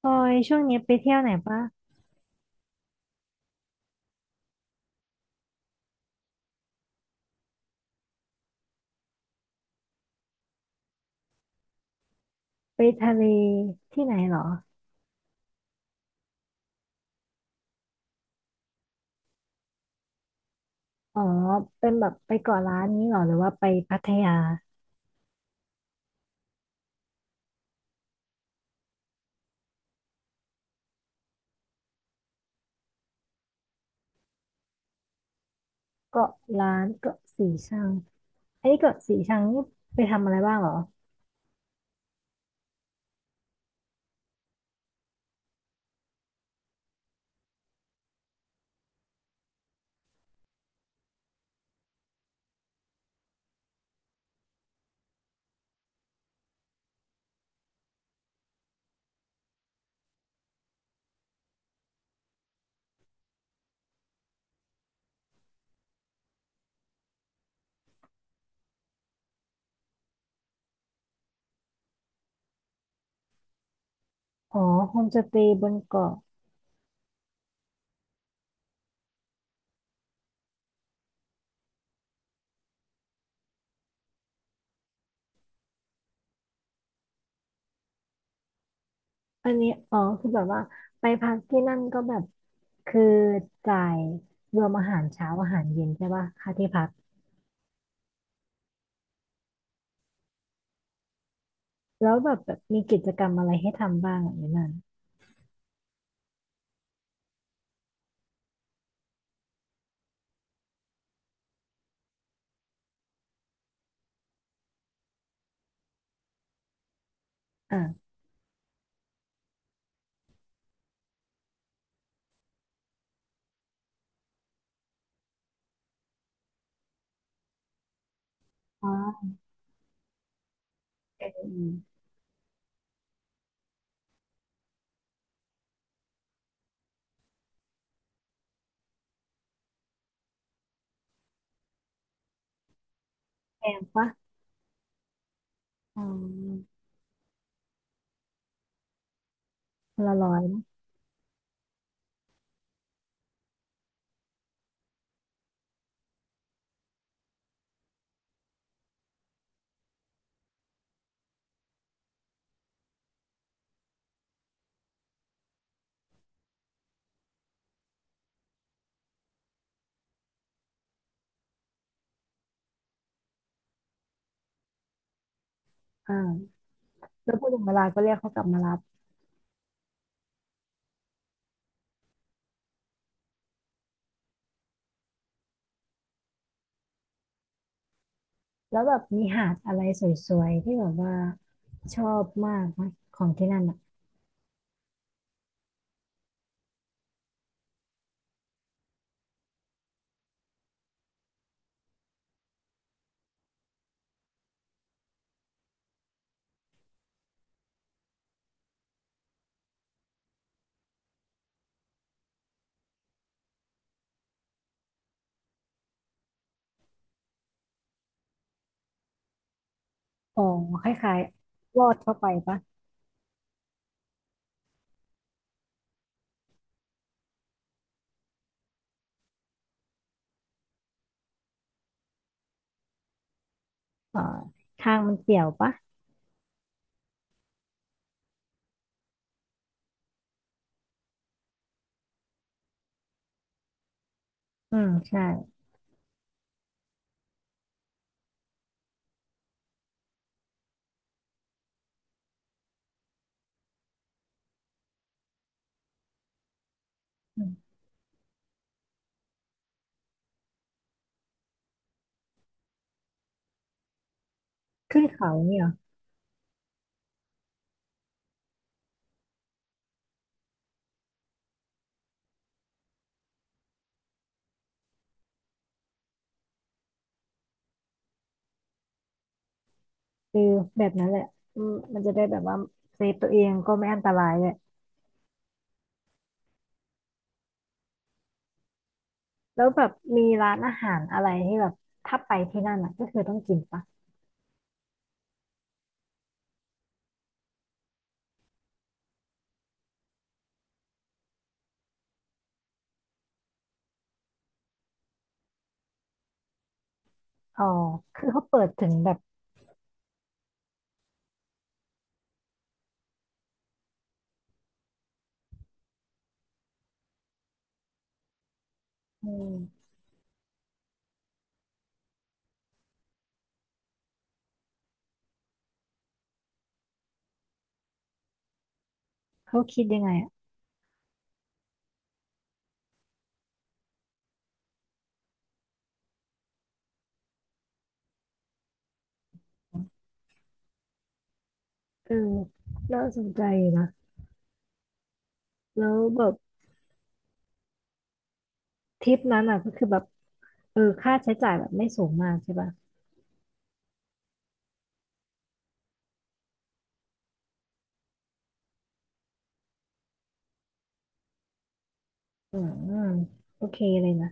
พลอยช่วงนี้ไปเที่ยวไหนปะไปทะเลที่ไหนเหรออ๋อเป็นแบบไปเกาะล้านนี้เหรอหรือว่าไปพัทยาเกาะล้านเกาะสีชังอันนี้เกาะสีชังนี่ไปทำอะไรบ้างเหรออ๋อโฮมสเตย์บนเกาะอันนี้อ๋อคือแบบว่าไปพักที่นั่นก็แบบ คือจ่ายรวมอาหารเช้าอาหารเย็นใช่ปะค่าที่พักแล้วแบบมีกิจกรรมอะไรให้ทำบ้างอ่ะในนั้นอ่าอ๋อเออแพงปะอ๋อคนละร้อยนะอ่า แล้วพูดถึงเวลาก็เรียกเขากลับมารับแล้วแบบมีหาดอะไรสวยๆ ที่แบบว่าชอบมากไหมของที่นั่นอ่ะอ๋อคล้ายๆ ลอดเข้าไปปะเอ่อทางมันเปี่ยวปะอืมใช่อืมขึ้นเขาเนี่ยเหรอคือแบบนั้นแหละอืมมันจะได้แบบว่าเซฟตัวเองก็ไม่อันตรายเลย แล้วแบบมีร้านอาหารอะไรที่แบบถ้าไปที่นั่นอ่ะก็คือต้องกินปะอ๋อคือเขาเปิดถึงแบบอืมเขาคิดยังไงอ่ะเออน่าสนใจอยู่นะแล้วแบบ ทริปนั้นอ่ะก็คือแบบเออค่าใช้จ่ายแบบไม่สูงมากใช่ป่ะอืมโอเคเลยนะ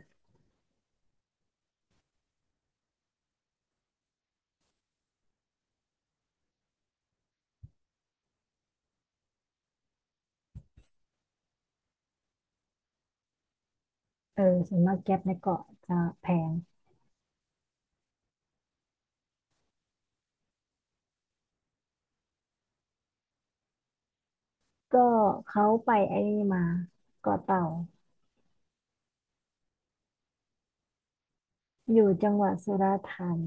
เออส่วนมากแก๊ปในเกาะจะแพงก็เขาไปไอ้นี่มาเกาะเต่าอยู่จังหวัดสุราษฎร์ธานี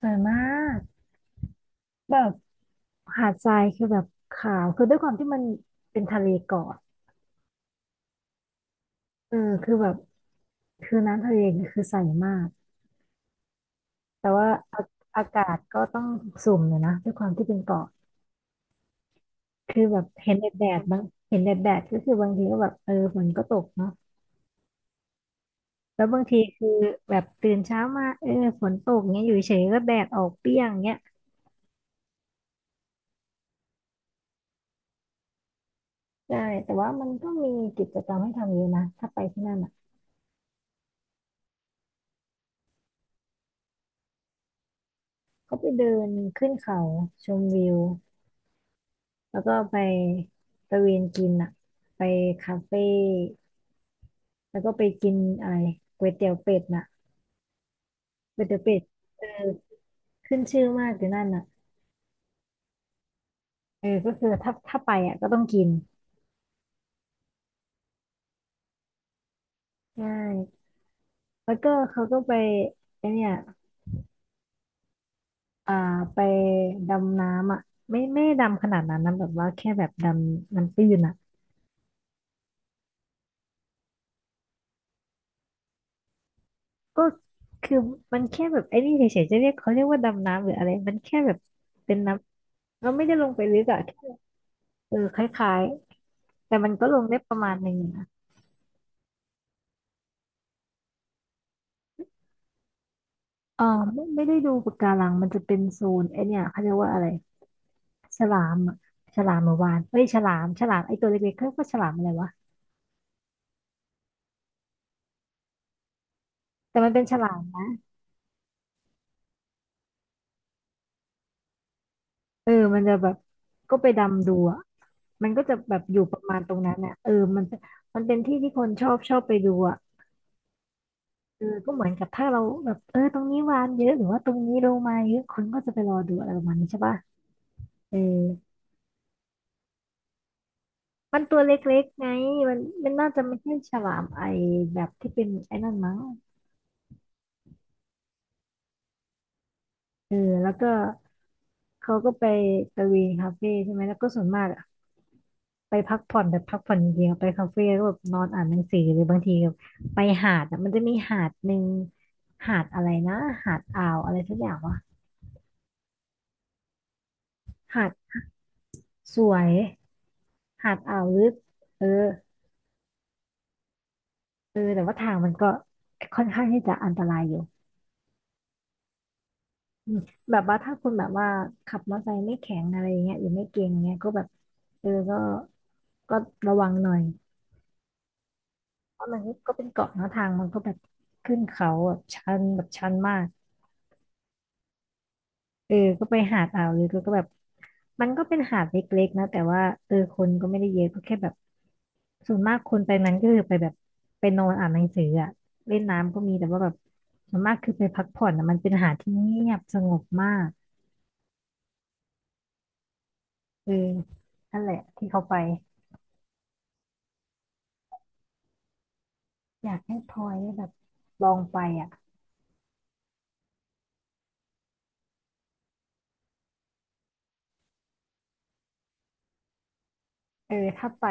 สวยมากแบบหาดทรายคือแบบขาวคือด้วยความที่มันเป็นทะเลเกาะเออคือแบบคือน้ำทะเลคือใสมากแต่ว่าอาอากาศก็ต้องสุ่มเลยนะด้วยความที่เป็นเกาะ คือแบบเห็นแดดแดดบางเห็นแดดแดดก็คือบางทีก็แบบเออฝนก็ตกเนาะแล้วบางทีคือแบบตื่นเช้ามาเออฝนตกเงี้ยอยู่เฉยก็แดดออกเปรี้ยงเงี้ยใช่แต่ว่ามันก็มีกิจกรรมให้ทำเยอะนะถ้าไปที่นั่นอ่ะก็ไปเดินขึ้นเขาชมวิวแล้วก็ไปตะเวนกินอ่ะไปคาเฟ่แล้วก็ไปกินอะไรก๋วยเตี๋ยวเป็ดน่ะก๋วยเตี๋ยวเป็ดเออขึ้นชื่อมากอยู่นั่นน่ะเออก็คือถ้าไปอ่ะก็ต้องกินใช่ แล้วก็เขาก็ไปไอเนี่ยอ่าไปดำน้ำอ่ะไม่ดำขนาดนั้นนะแบบว่าแค่แบบดำน้ำตื้นอ่ะก็คือมันแค่แบบไอ้นี่เฉยๆจะเรียกเขาเรียกว่าดำน้ำหรืออะไรมันแค่แบบเป็นน้ำเราไม่ได้ลงไปลึกอ่ะแค่เออคล้ายๆแต่มันก็ลงได้ประมาณหนึ่งอยู่นะเออไม่ได้ดูปะการังมันจะเป็นโซนไอเนี่ยเขาเรียกว่าอะไรฉลามอะฉลามหรือวานเฮ้ยฉลามไอตัวเล็กๆเขาเรียกว่าฉลามอะไรวะแต่มันเป็นฉลามเออมันจะแบบก็ไปดำดูอะ มันก็จะแบบอยู่ประมาณตรงนั้นน่ะเออมันมันเป็นที่ที่คนชอบไปดูอ่ะเออก็เหมือนกับถ้าเราแบบเออตรงนี้วานเยอะหรือว่าตรงนี้โลมาเยอะคนก็จะไปรอดูอะไรประมาณนี้ใช่ป่ะเออมันตัวเล็กๆไงมันมันน่าจะไม่ใช่ฉลามไอแบบที่เป็นไอ้นั่นมั้งเออแล้วก็เขาก็ไปตะเวนคาเฟ่ใช่ไหมแล้วก็ส่วนมากอะ ไปพักผ่อนแบบพักผ่อนเดียวไปคาเฟ่ก็แบบนอนอ่านหนังสือหรือบางทีแบบไปหาดอ่ะมันจะมีหาดหนึ่งหาดอะไรนะหาดอ่าวอะไรสักอย่างวะหาดสวยหาดอ่าวลึกเออเออแต่ว่าทางมันก็ค่อนข้างที่จะอันตรายอยู่อืมแบบว่าถ้าคุณแบบว่าขับมอเตอร์ไซค์ไม่แข็งอะไรอย่างเงี้ยหรือไม่เก่งเงี้ยก็แบบเออก็ระวังหน่อยเพราะมันก็เป็นเกาะเนอะทางมันก็แบบขึ้นเขาแบบชันแบบชันมาก เออก็ไปหาดอ่าวลึกแล้วก็แบบมันก็เป็นหาดเล็กๆนะแต่ว่าเออคนก็ไม่ได้เยอะก็แค่แบบส่วนมากคนไปนั้นก็คือไปแบบไปนอนอ่านหนังสืออะเล่นน้ำก็มีแต่ว่าแบบส่วนมากคือไปพักผ่อนอะมันเป็นหาดที่เงียบสงบมากเออนั่นแหละที่เขาไปอยากให้พลอยได้แบบลองไปอ่ะเออถ้าไป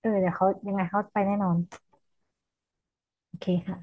เออเดี๋ยวเขายังไงเขาไปแน่นอนโอเคค่ะ